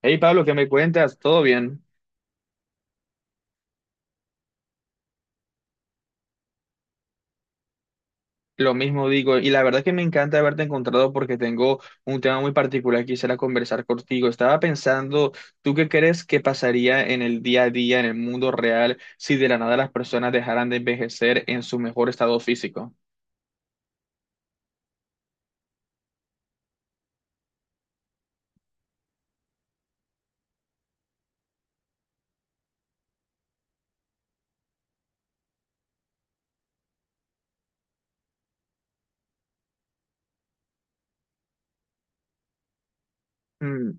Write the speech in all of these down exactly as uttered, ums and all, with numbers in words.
Hey Pablo, ¿qué me cuentas? ¿Todo bien? Lo mismo digo, y la verdad es que me encanta haberte encontrado porque tengo un tema muy particular que quisiera conversar contigo. Estaba pensando, ¿tú qué crees que pasaría en el día a día, en el mundo real, si de la nada las personas dejaran de envejecer en su mejor estado físico? Mm,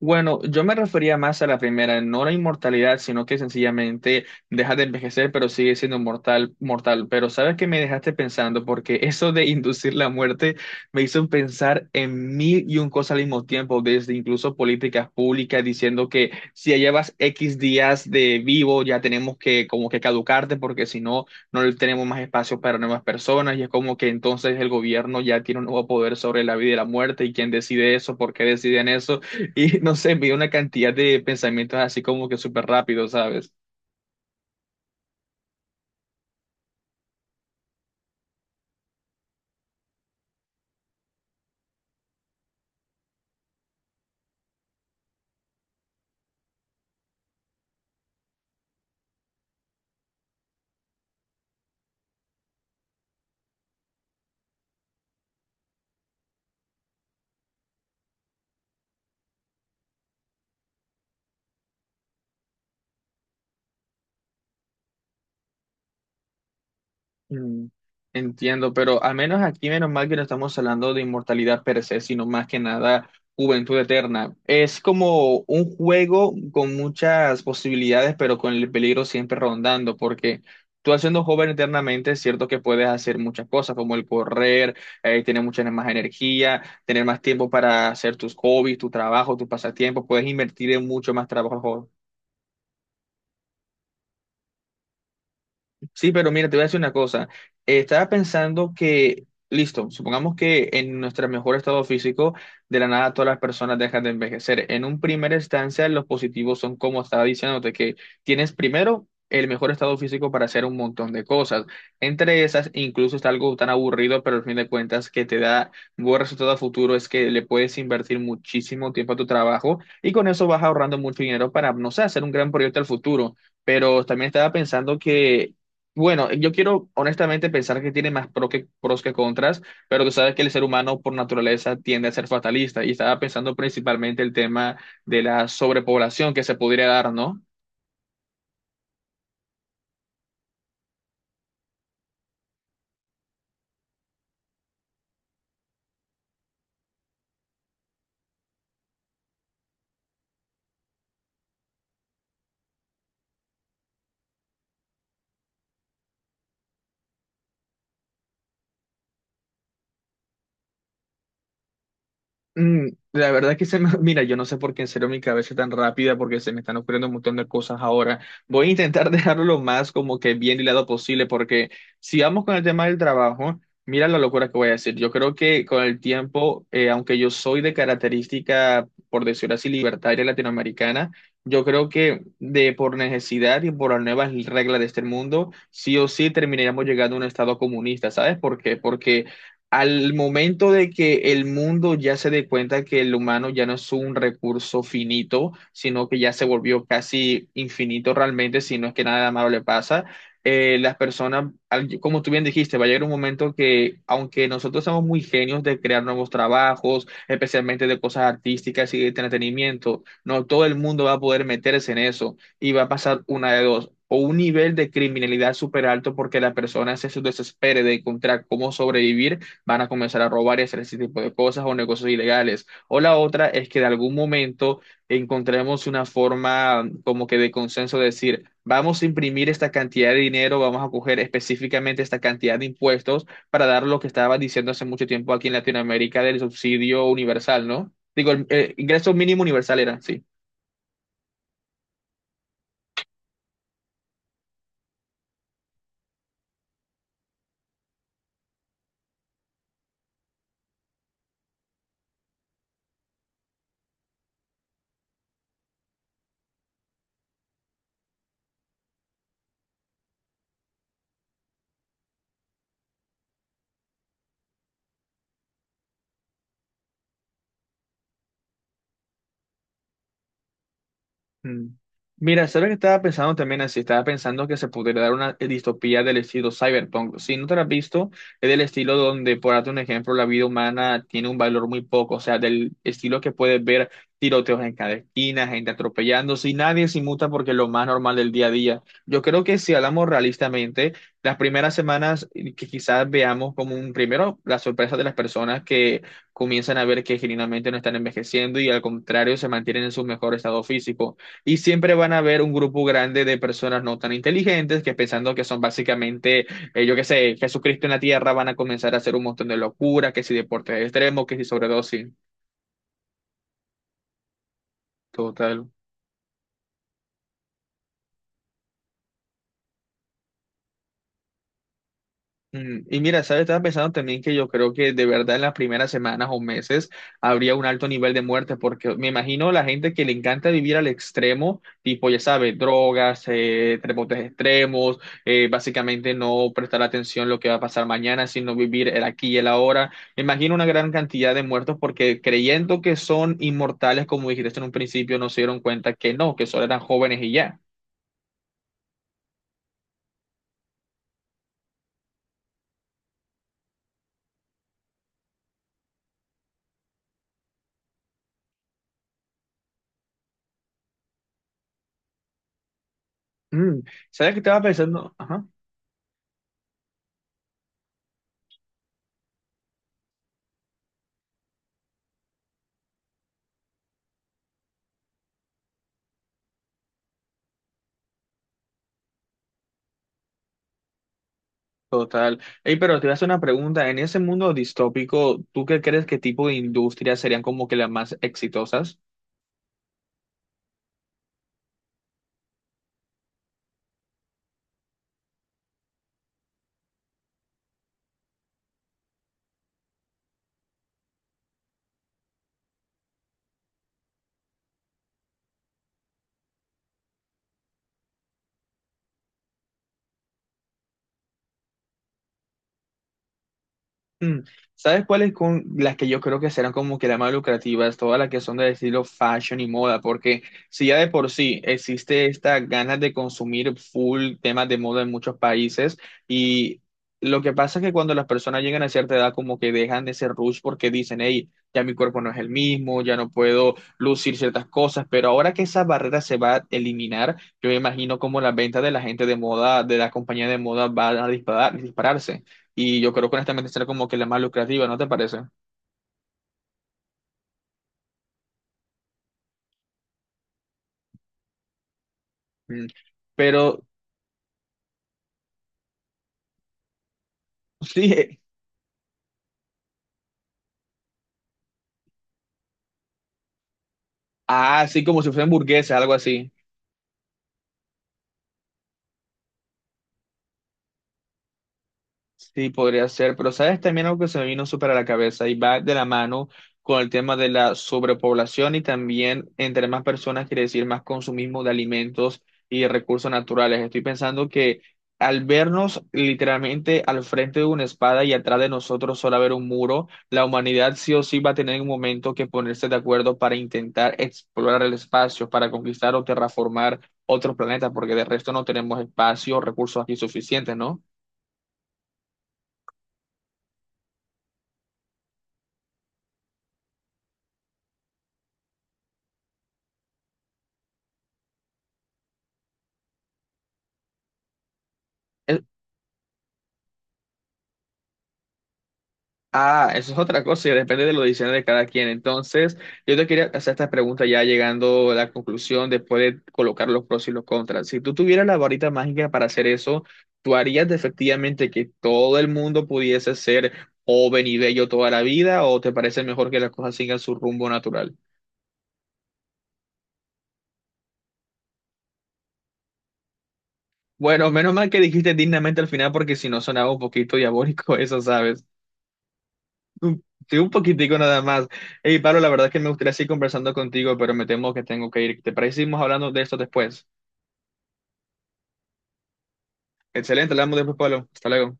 bueno, yo me refería más a la primera, no la inmortalidad, sino que sencillamente deja de envejecer, pero sigue siendo mortal, mortal. Pero sabes que me dejaste pensando, porque eso de inducir la muerte me hizo pensar en mil y un cosas al mismo tiempo, desde incluso políticas públicas diciendo que si ya llevas X días de vivo, ya tenemos que como que caducarte, porque si no, no le tenemos más espacio para nuevas personas, y es como que entonces el gobierno ya tiene un nuevo poder sobre la vida y la muerte, y quién decide eso, por qué deciden eso. Y no sé, vi una cantidad de pensamientos así como que súper rápido, ¿sabes? Mm, entiendo, pero al menos aquí, menos mal que no estamos hablando de inmortalidad per se, sino más que nada juventud eterna. Es como un juego con muchas posibilidades, pero con el peligro siempre rondando, porque tú siendo joven eternamente, es cierto que puedes hacer muchas cosas, como el correr, eh, tener mucha más energía, tener más tiempo para hacer tus hobbies, tu trabajo, tus pasatiempos, puedes invertir en mucho más trabajo. Sí, pero mira, te voy a decir una cosa. Eh, estaba pensando que, listo, supongamos que en nuestro mejor estado físico, de la nada todas las personas dejan de envejecer. En un primer instancia, los positivos son como estaba diciéndote, que tienes primero el mejor estado físico para hacer un montón de cosas. Entre esas, incluso está algo tan aburrido, pero al fin de cuentas que te da buen resultado a futuro, es que le puedes invertir muchísimo tiempo a tu trabajo y con eso vas ahorrando mucho dinero para, no sé, hacer un gran proyecto al futuro. Pero también estaba pensando que bueno, yo quiero honestamente pensar que tiene más pro que- pros que contras, pero tú sabes que el ser humano por naturaleza tiende a ser fatalista y estaba pensando principalmente el tema de la sobrepoblación que se podría dar, ¿no? Mm, la verdad que se me, mira, yo no sé por qué en serio mi cabeza es tan rápida, porque se me están ocurriendo un montón de cosas ahora. Voy a intentar dejarlo lo más como que bien hilado posible, porque si vamos con el tema del trabajo, mira la locura que voy a decir. Yo creo que con el tiempo, eh, aunque yo soy de característica, por decirlo así, libertaria latinoamericana, yo creo que de por necesidad y por las nuevas reglas de este mundo, sí o sí terminaríamos llegando a un estado comunista, ¿sabes por qué? Porque al momento de que el mundo ya se dé cuenta que el humano ya no es un recurso finito, sino que ya se volvió casi infinito realmente, si no es que nada malo le pasa, eh, las personas, al- como tú bien dijiste, va a llegar un momento que, aunque nosotros somos muy genios de crear nuevos trabajos, especialmente de cosas artísticas y de entretenimiento, no todo el mundo va a poder meterse en eso y va a pasar una de dos: o un nivel de criminalidad súper alto porque la persona se desespere de encontrar cómo sobrevivir, van a comenzar a robar y hacer ese tipo de cosas o negocios ilegales. O la otra es que de algún momento encontremos una forma como que de consenso de decir, vamos a imprimir esta cantidad de dinero, vamos a coger específicamente esta cantidad de impuestos para dar lo que estaba diciendo hace mucho tiempo aquí en Latinoamérica del subsidio universal, ¿no? Digo, el, eh, ingreso mínimo universal era, sí. Mm. Mira, ¿sabes que estaba pensando también así? Estaba pensando que se podría dar una distopía del estilo cyberpunk. Si no te la has visto, es del estilo donde, por darte un ejemplo, la vida humana tiene un valor muy poco, o sea, del estilo que puedes ver tiroteos en cada esquina, gente atropellándose y nadie se inmuta porque es lo más normal del día a día. Yo creo que si hablamos realistamente, las primeras semanas eh, que quizás veamos como un primero la sorpresa de las personas que comienzan a ver que genuinamente no están envejeciendo y al contrario se mantienen en su mejor estado físico. Y siempre van a haber un grupo grande de personas no tan inteligentes que pensando que son básicamente, eh, yo qué sé, Jesucristo en la tierra, van a comenzar a hacer un montón de locuras, que si deportes extremos, que si sobredosis. Total. Mm, y mira, ¿sabes? Estaba pensando también que yo creo que de verdad en las primeras semanas o meses habría un alto nivel de muerte, porque me imagino la gente que le encanta vivir al extremo, tipo, ya sabes, drogas, eh, deportes extremos, eh, básicamente no prestar atención a lo que va a pasar mañana, sino vivir el aquí y el ahora. Me imagino una gran cantidad de muertos porque creyendo que son inmortales, como dijiste en un principio, no se dieron cuenta que no, que solo eran jóvenes y ya. Mm, ¿sabes qué estaba pensando? Ajá. Total. Ey, pero te voy a hacer una pregunta. En ese mundo distópico, ¿tú qué crees que tipo de industrias serían como que las más exitosas? Mm, ¿sabes cuáles con las que yo creo que serán como que las más lucrativas? Todas las que son del estilo fashion y moda, porque si ya de por sí existe esta ganas de consumir full temas de moda en muchos países y lo que pasa es que cuando las personas llegan a cierta edad como que dejan ese rush porque dicen, hey, ya mi cuerpo no es el mismo, ya no puedo lucir ciertas cosas, pero ahora que esa barrera se va a eliminar, yo me imagino como la venta de la gente de moda, de la compañía de moda va a disparar, dispararse. Y yo creo que honestamente será como que la más lucrativa, ¿no te parece? Mm. Pero sí, ah, sí, como si fuera hamburguesa, algo así. Sí, podría ser, pero sabes también algo que se me vino súper a la cabeza y va de la mano con el tema de la sobrepoblación y también entre más personas quiere decir más consumismo de alimentos y de recursos naturales. Estoy pensando que al vernos literalmente al frente de una espada y atrás de nosotros solo haber un muro, la humanidad sí o sí va a tener un momento que ponerse de acuerdo para intentar explorar el espacio, para conquistar o terraformar otros planetas, porque de resto no tenemos espacio o recursos aquí suficientes, ¿no? Ah, eso es otra cosa y depende de los diseños de cada quien. Entonces, yo te quería hacer esta pregunta ya llegando a la conclusión después de colocar los pros y los contras. Si tú tuvieras la varita mágica para hacer eso, ¿tú harías efectivamente que todo el mundo pudiese ser joven y bello toda la vida o te parece mejor que las cosas sigan su rumbo natural? Bueno, menos mal que dijiste dignamente al final porque si no sonaba un poquito diabólico eso, ¿sabes? Un- Sí, un poquitico nada más. Hey, Pablo, la verdad es que me gustaría seguir conversando contigo, pero me temo que tengo que ir. ¿Te parece que seguimos hablando de esto después? Excelente, hablamos después, Pablo. Hasta luego.